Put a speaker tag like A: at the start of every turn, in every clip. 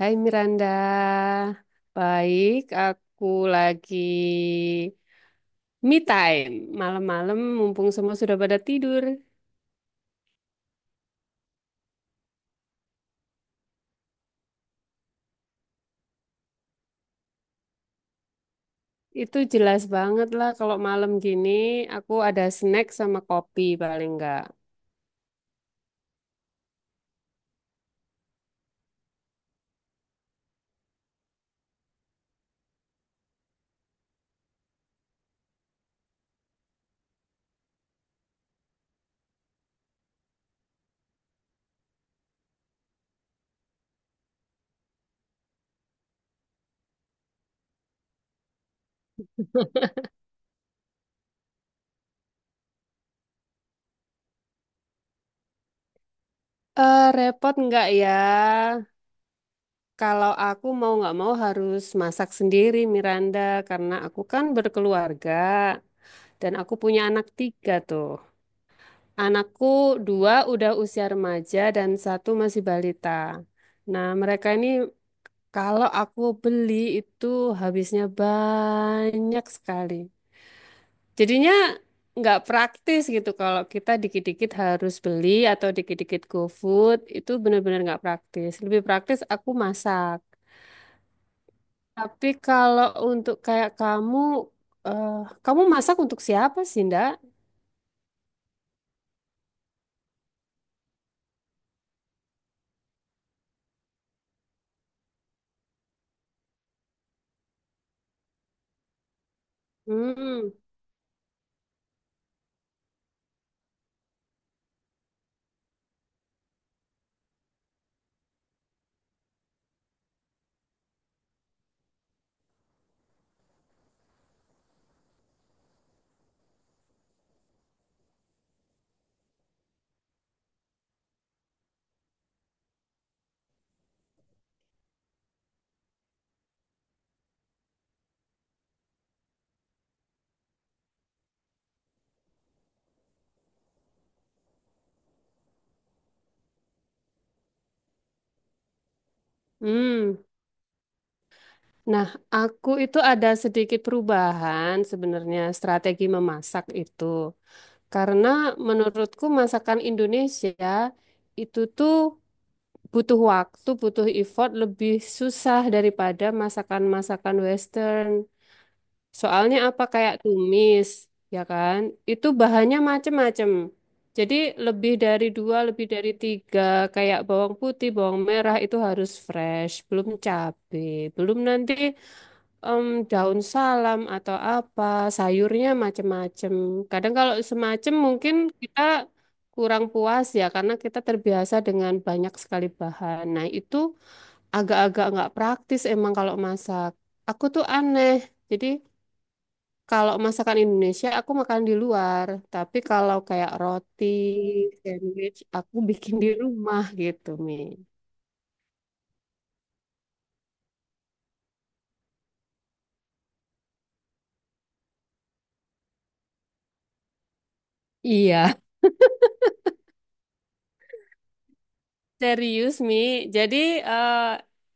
A: Hai Miranda, baik. Aku lagi me time malam-malam, mumpung semua sudah pada tidur. Itu jelas banget lah kalau malam gini aku ada snack sama kopi paling enggak. Eh, repot enggak ya? Kalau aku mau nggak mau harus masak sendiri Miranda, karena aku kan berkeluarga dan aku punya anak tiga tuh. Anakku dua udah usia remaja dan satu masih balita. Nah, mereka ini kalau aku beli itu habisnya banyak sekali. Jadinya nggak praktis gitu kalau kita dikit-dikit harus beli atau dikit-dikit GoFood itu benar-benar nggak praktis. Lebih praktis aku masak. Tapi kalau untuk kayak kamu, eh, kamu masak untuk siapa sih, Ndak? Hmm, hmm. Nah, aku itu ada sedikit perubahan sebenarnya strategi memasak itu. Karena menurutku masakan Indonesia itu tuh butuh waktu, butuh effort lebih susah daripada masakan-masakan Western. Soalnya apa kayak tumis, ya kan? Itu bahannya macem-macem. Jadi lebih dari dua, lebih dari tiga, kayak bawang putih, bawang merah itu harus fresh, belum cabai, belum nanti em, daun salam atau apa, sayurnya macem-macem. Kadang kalau semacem mungkin kita kurang puas ya karena kita terbiasa dengan banyak sekali bahan. Nah, itu agak-agak nggak praktis emang kalau masak. Aku tuh aneh. Jadi kalau masakan Indonesia aku makan di luar, tapi kalau kayak roti, sandwich aku bikin di rumah gitu, Mi. Iya. Serius, Mi. Jadi eh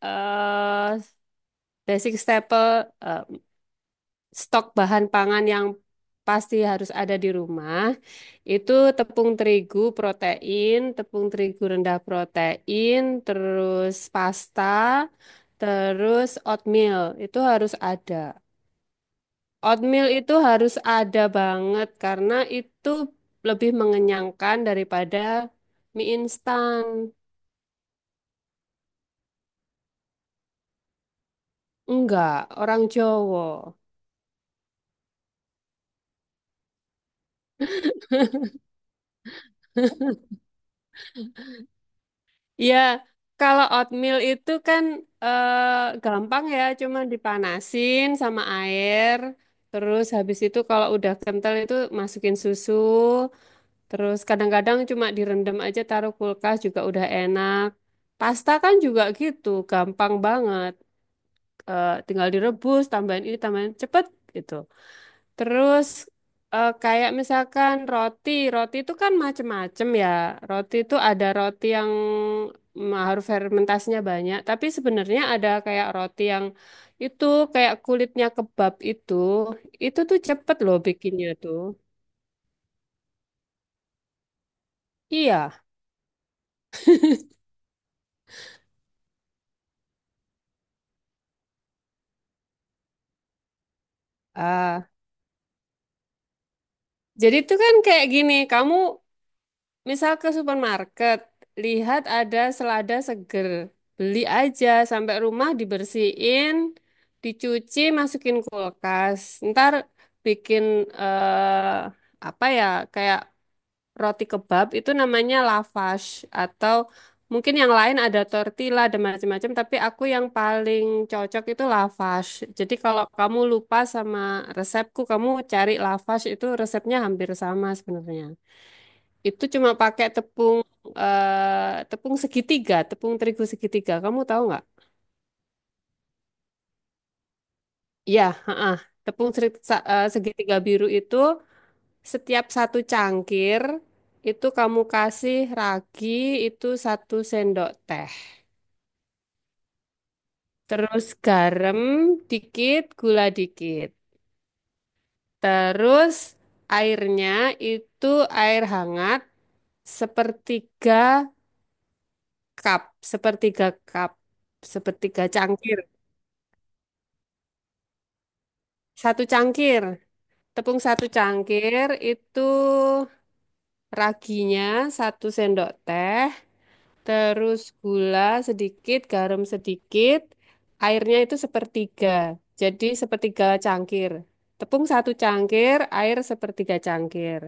A: eh, basic staple, eh, stok bahan pangan yang pasti harus ada di rumah, itu tepung terigu protein, tepung terigu rendah protein, terus pasta, terus oatmeal, itu harus ada. Oatmeal itu harus ada banget karena itu lebih mengenyangkan daripada mie instan. Enggak, orang Jawa. Iya, kalau oatmeal itu kan gampang ya, cuma dipanasin sama air. Terus habis itu kalau udah kental itu masukin susu. Terus kadang-kadang cuma direndam aja taruh kulkas juga udah enak. Pasta kan juga gitu, gampang banget tinggal direbus, tambahin ini, tambahin cepet gitu. Terus kayak misalkan roti, roti itu kan macem-macem ya. Roti itu ada roti yang harus fermentasinya banyak, tapi sebenarnya ada kayak roti yang itu kayak kulitnya kebab itu tuh cepet loh bikinnya tuh. Iya. Ah, jadi itu kan kayak gini, kamu misal ke supermarket, lihat ada selada seger. Beli aja, sampai rumah dibersihin, dicuci, masukin kulkas. Ntar bikin eh, apa ya, kayak roti kebab itu namanya lavash atau mungkin yang lain ada tortilla dan macam-macam, tapi aku yang paling cocok itu lavash. Jadi kalau kamu lupa sama resepku, kamu cari lavash itu resepnya hampir sama sebenarnya. Itu cuma pakai tepung tepung segitiga, tepung terigu segitiga. Kamu tahu nggak? Ya, heeh. Tepung segitiga biru itu setiap satu cangkir itu kamu kasih ragi itu satu sendok teh. Terus garam dikit, gula dikit. Terus airnya itu air hangat sepertiga cup, sepertiga cup, sepertiga cangkir. Satu cangkir. Tepung satu cangkir itu raginya satu sendok teh, terus gula sedikit, garam sedikit, airnya itu sepertiga. Jadi sepertiga cangkir. Tepung satu cangkir, air sepertiga cangkir.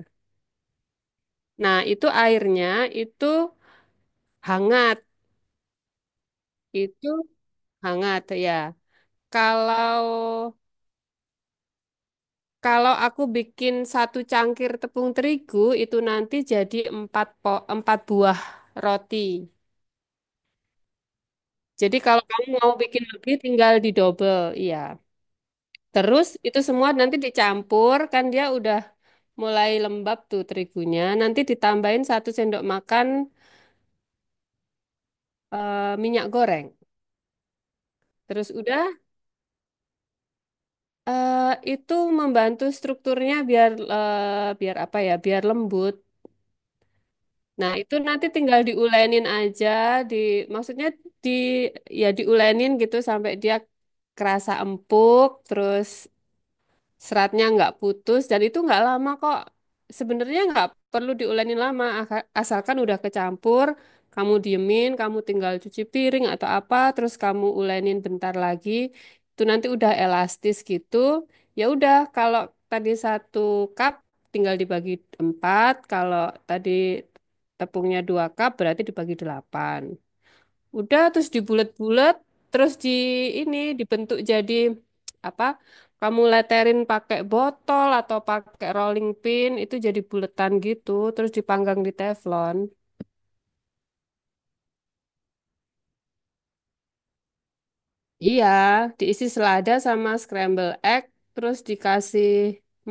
A: Nah, itu airnya itu hangat, itu hangat ya. Kalau Kalau aku bikin satu cangkir tepung terigu itu nanti jadi empat buah roti. Jadi kalau kamu mau bikin lagi tinggal didobel, iya. Terus itu semua nanti dicampur kan dia udah mulai lembab tuh terigunya. Nanti ditambahin satu sendok makan minyak goreng. Terus udah eh, itu membantu strukturnya biar biar apa ya? Biar lembut. Nah, itu nanti tinggal diulenin aja di maksudnya di ya diulenin gitu sampai dia kerasa empuk terus seratnya nggak putus dan itu nggak lama kok. Sebenarnya nggak perlu diuleni lama asalkan udah kecampur, kamu diemin, kamu tinggal cuci piring atau apa, terus kamu ulenin bentar lagi. Itu nanti udah elastis gitu. Ya udah kalau tadi satu cup tinggal dibagi empat, kalau tadi tepungnya dua cup berarti dibagi delapan. Udah terus dibulet-bulet, terus di ini dibentuk jadi apa? Kamu leterin pakai botol atau pakai rolling pin itu jadi buletan gitu, terus dipanggang di teflon. Iya, diisi selada sama scramble egg, terus dikasih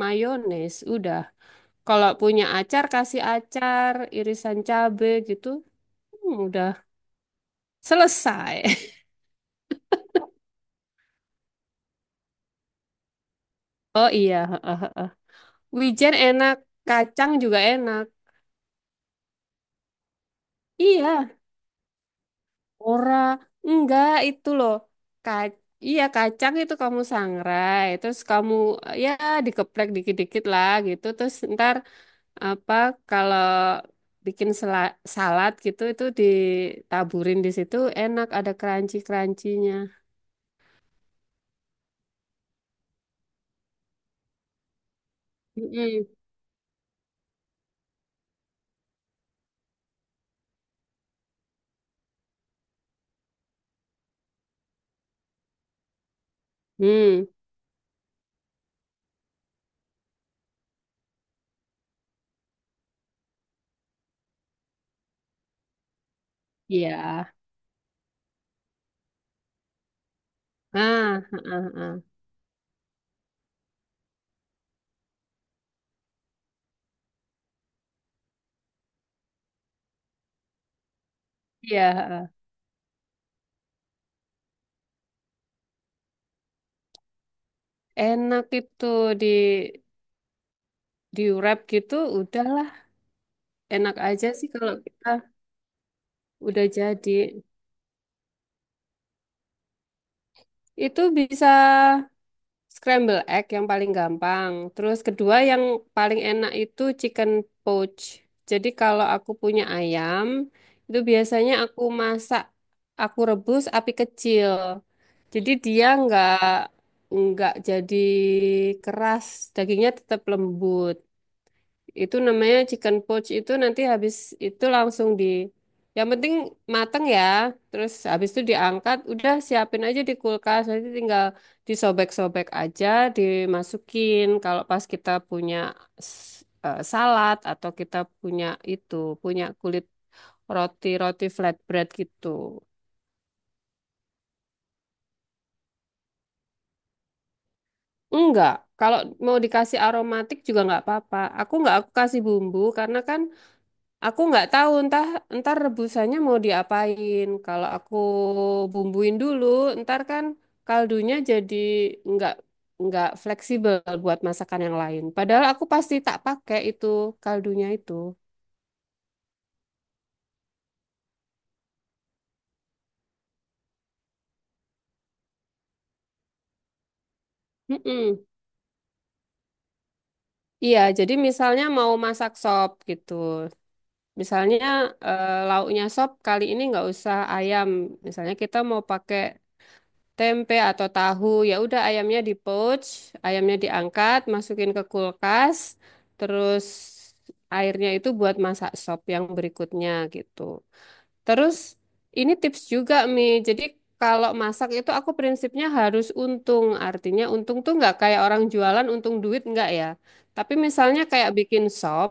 A: mayones. Udah. Kalau punya acar kasih acar, irisan cabe gitu. Udah selesai. Oh iya, heeh, heeh. Wijen enak, kacang juga enak. Iya. Ora, enggak itu loh. Ka iya kacang itu kamu sangrai, terus kamu ya dikeprek dikit-dikit lah gitu. Terus ntar apa kalau bikin salad gitu itu ditaburin di situ enak ada crunchy-crunchy-nya. Mm-mm. Hmm, iya. Ah, ah, ah, ah. Iya, ah. Enak itu di di wrap gitu udahlah. Enak aja sih kalau kita udah jadi. Itu bisa scramble egg yang paling gampang. Terus kedua yang paling enak itu chicken poach. Jadi kalau aku punya ayam, itu biasanya aku masak, aku rebus api kecil. Jadi dia nggak jadi keras, dagingnya tetap lembut. Itu namanya chicken poach itu nanti habis itu langsung di yang penting mateng ya. Terus habis itu diangkat, udah siapin aja di kulkas. Nanti tinggal disobek-sobek aja, dimasukin. Kalau pas kita punya s- salad atau kita punya itu, punya kulit roti-roti flatbread gitu. Enggak, kalau mau dikasih aromatik juga nggak apa-apa. Aku nggak aku kasih bumbu karena kan aku nggak tahu entah entar rebusannya mau diapain. Kalau aku bumbuin dulu, entar kan kaldunya jadi nggak nggak fleksibel buat masakan yang lain. Padahal aku pasti tak pakai itu kaldunya itu. Mm-mm. Iya, jadi misalnya mau masak sop gitu. Misalnya lauknya sop kali ini nggak usah ayam. Misalnya kita mau pakai tempe atau tahu. Ya udah ayamnya di poach, ayamnya diangkat, masukin ke kulkas, terus airnya itu buat masak sop yang berikutnya gitu. Terus ini tips juga Mi. Jadi kalau masak itu aku prinsipnya harus untung. Artinya untung tuh nggak kayak orang jualan untung duit nggak ya. Tapi misalnya kayak bikin sop,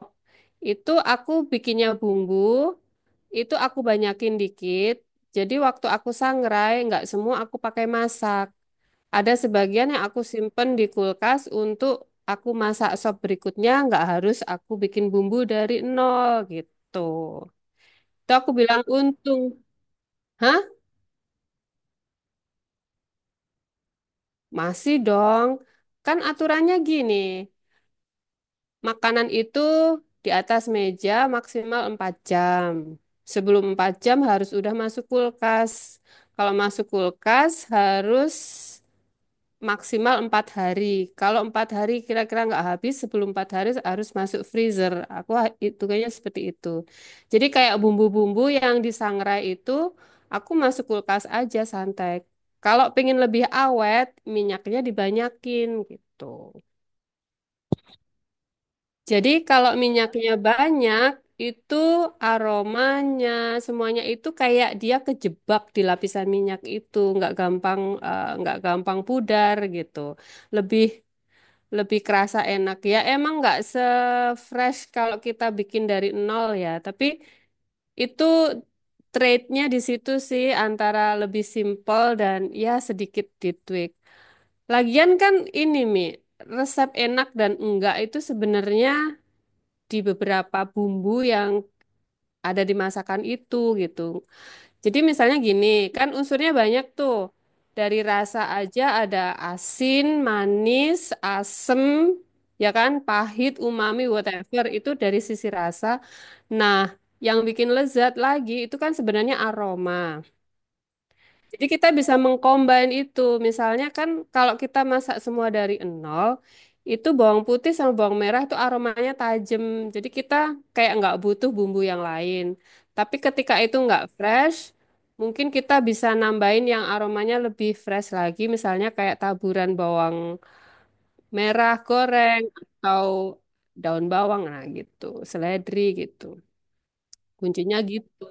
A: itu aku bikinnya bumbu, itu aku banyakin dikit. Jadi waktu aku sangrai, nggak semua aku pakai masak. Ada sebagian yang aku simpen di kulkas untuk aku masak sop berikutnya, nggak harus aku bikin bumbu dari nol gitu. Itu aku bilang untung. Hah? Masih dong. Kan aturannya gini, makanan itu di atas meja maksimal 4 jam. Sebelum 4 jam harus udah masuk kulkas. Kalau masuk kulkas harus maksimal 4 hari. Kalau 4 hari kira-kira nggak habis, sebelum 4 hari harus masuk freezer. Aku itu kayaknya seperti itu. Jadi kayak bumbu-bumbu yang disangrai itu, aku masuk kulkas aja santai. Kalau pengen lebih awet, minyaknya dibanyakin gitu. Jadi kalau minyaknya banyak, itu aromanya semuanya itu kayak dia kejebak di lapisan minyak itu, nggak gampang pudar gitu. Lebih lebih kerasa enak ya emang nggak se-fresh kalau kita bikin dari nol ya, tapi itu trade-nya di situ sih antara lebih simple dan ya sedikit ditweak. Lagian kan ini Mi, resep enak dan enggak itu sebenarnya di beberapa bumbu yang ada di masakan itu gitu. Jadi misalnya gini, kan unsurnya banyak tuh. Dari rasa aja ada asin, manis, asem, ya kan, pahit, umami, whatever. Itu dari sisi rasa. Nah, yang bikin lezat lagi itu kan sebenarnya aroma. Jadi kita bisa mengcombine itu. Misalnya kan kalau kita masak semua dari nol, itu bawang putih sama bawang merah itu aromanya tajam. Jadi kita kayak nggak butuh bumbu yang lain. Tapi ketika itu nggak fresh, mungkin kita bisa nambahin yang aromanya lebih fresh lagi. Misalnya kayak taburan bawang merah goreng atau daun bawang. Nah gitu, seledri gitu. Kuncinya gitu.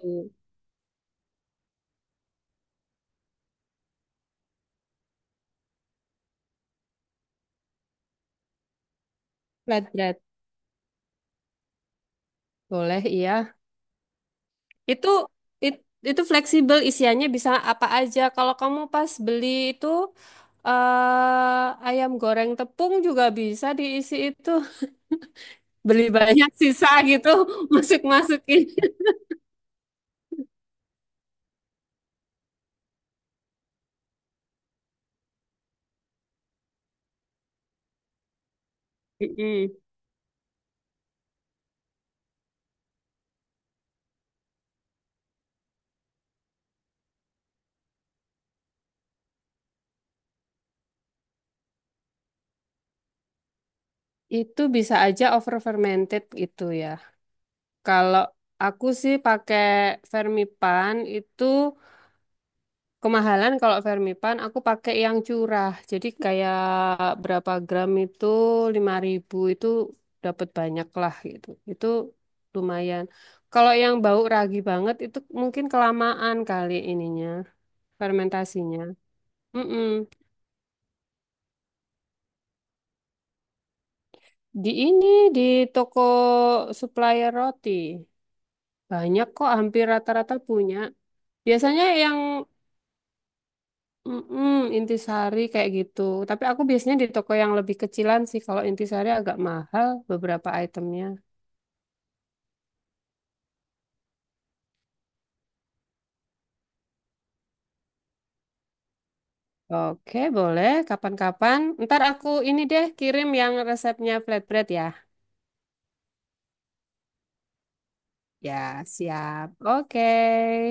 A: Flatbread. Boleh, iya. Itu it- itu fleksibel isiannya bisa apa aja. Kalau kamu pas beli itu ayam goreng tepung juga bisa diisi itu. Beli banyak sisa gitu, masuk-masukin. Mm-mm. Itu bisa aja over fermented gitu ya. Kalau aku sih pakai Fermipan itu. Kemahalan kalau Fermipan aku pakai yang curah. Jadi kayak berapa gram itu 5.000 itu dapat banyak lah gitu. Itu lumayan. Kalau yang bau ragi banget itu mungkin kelamaan kali ininya fermentasinya. Mm-mm. Di ini di toko supplier roti banyak kok hampir rata-rata punya. Biasanya yang Mm-mm, intisari kayak gitu. Tapi aku biasanya di toko yang lebih kecilan sih. Kalau intisari agak mahal beberapa itemnya. Oke, boleh. Kapan-kapan. Ntar aku ini deh kirim yang resepnya flatbread ya. Ya, siap. Oke.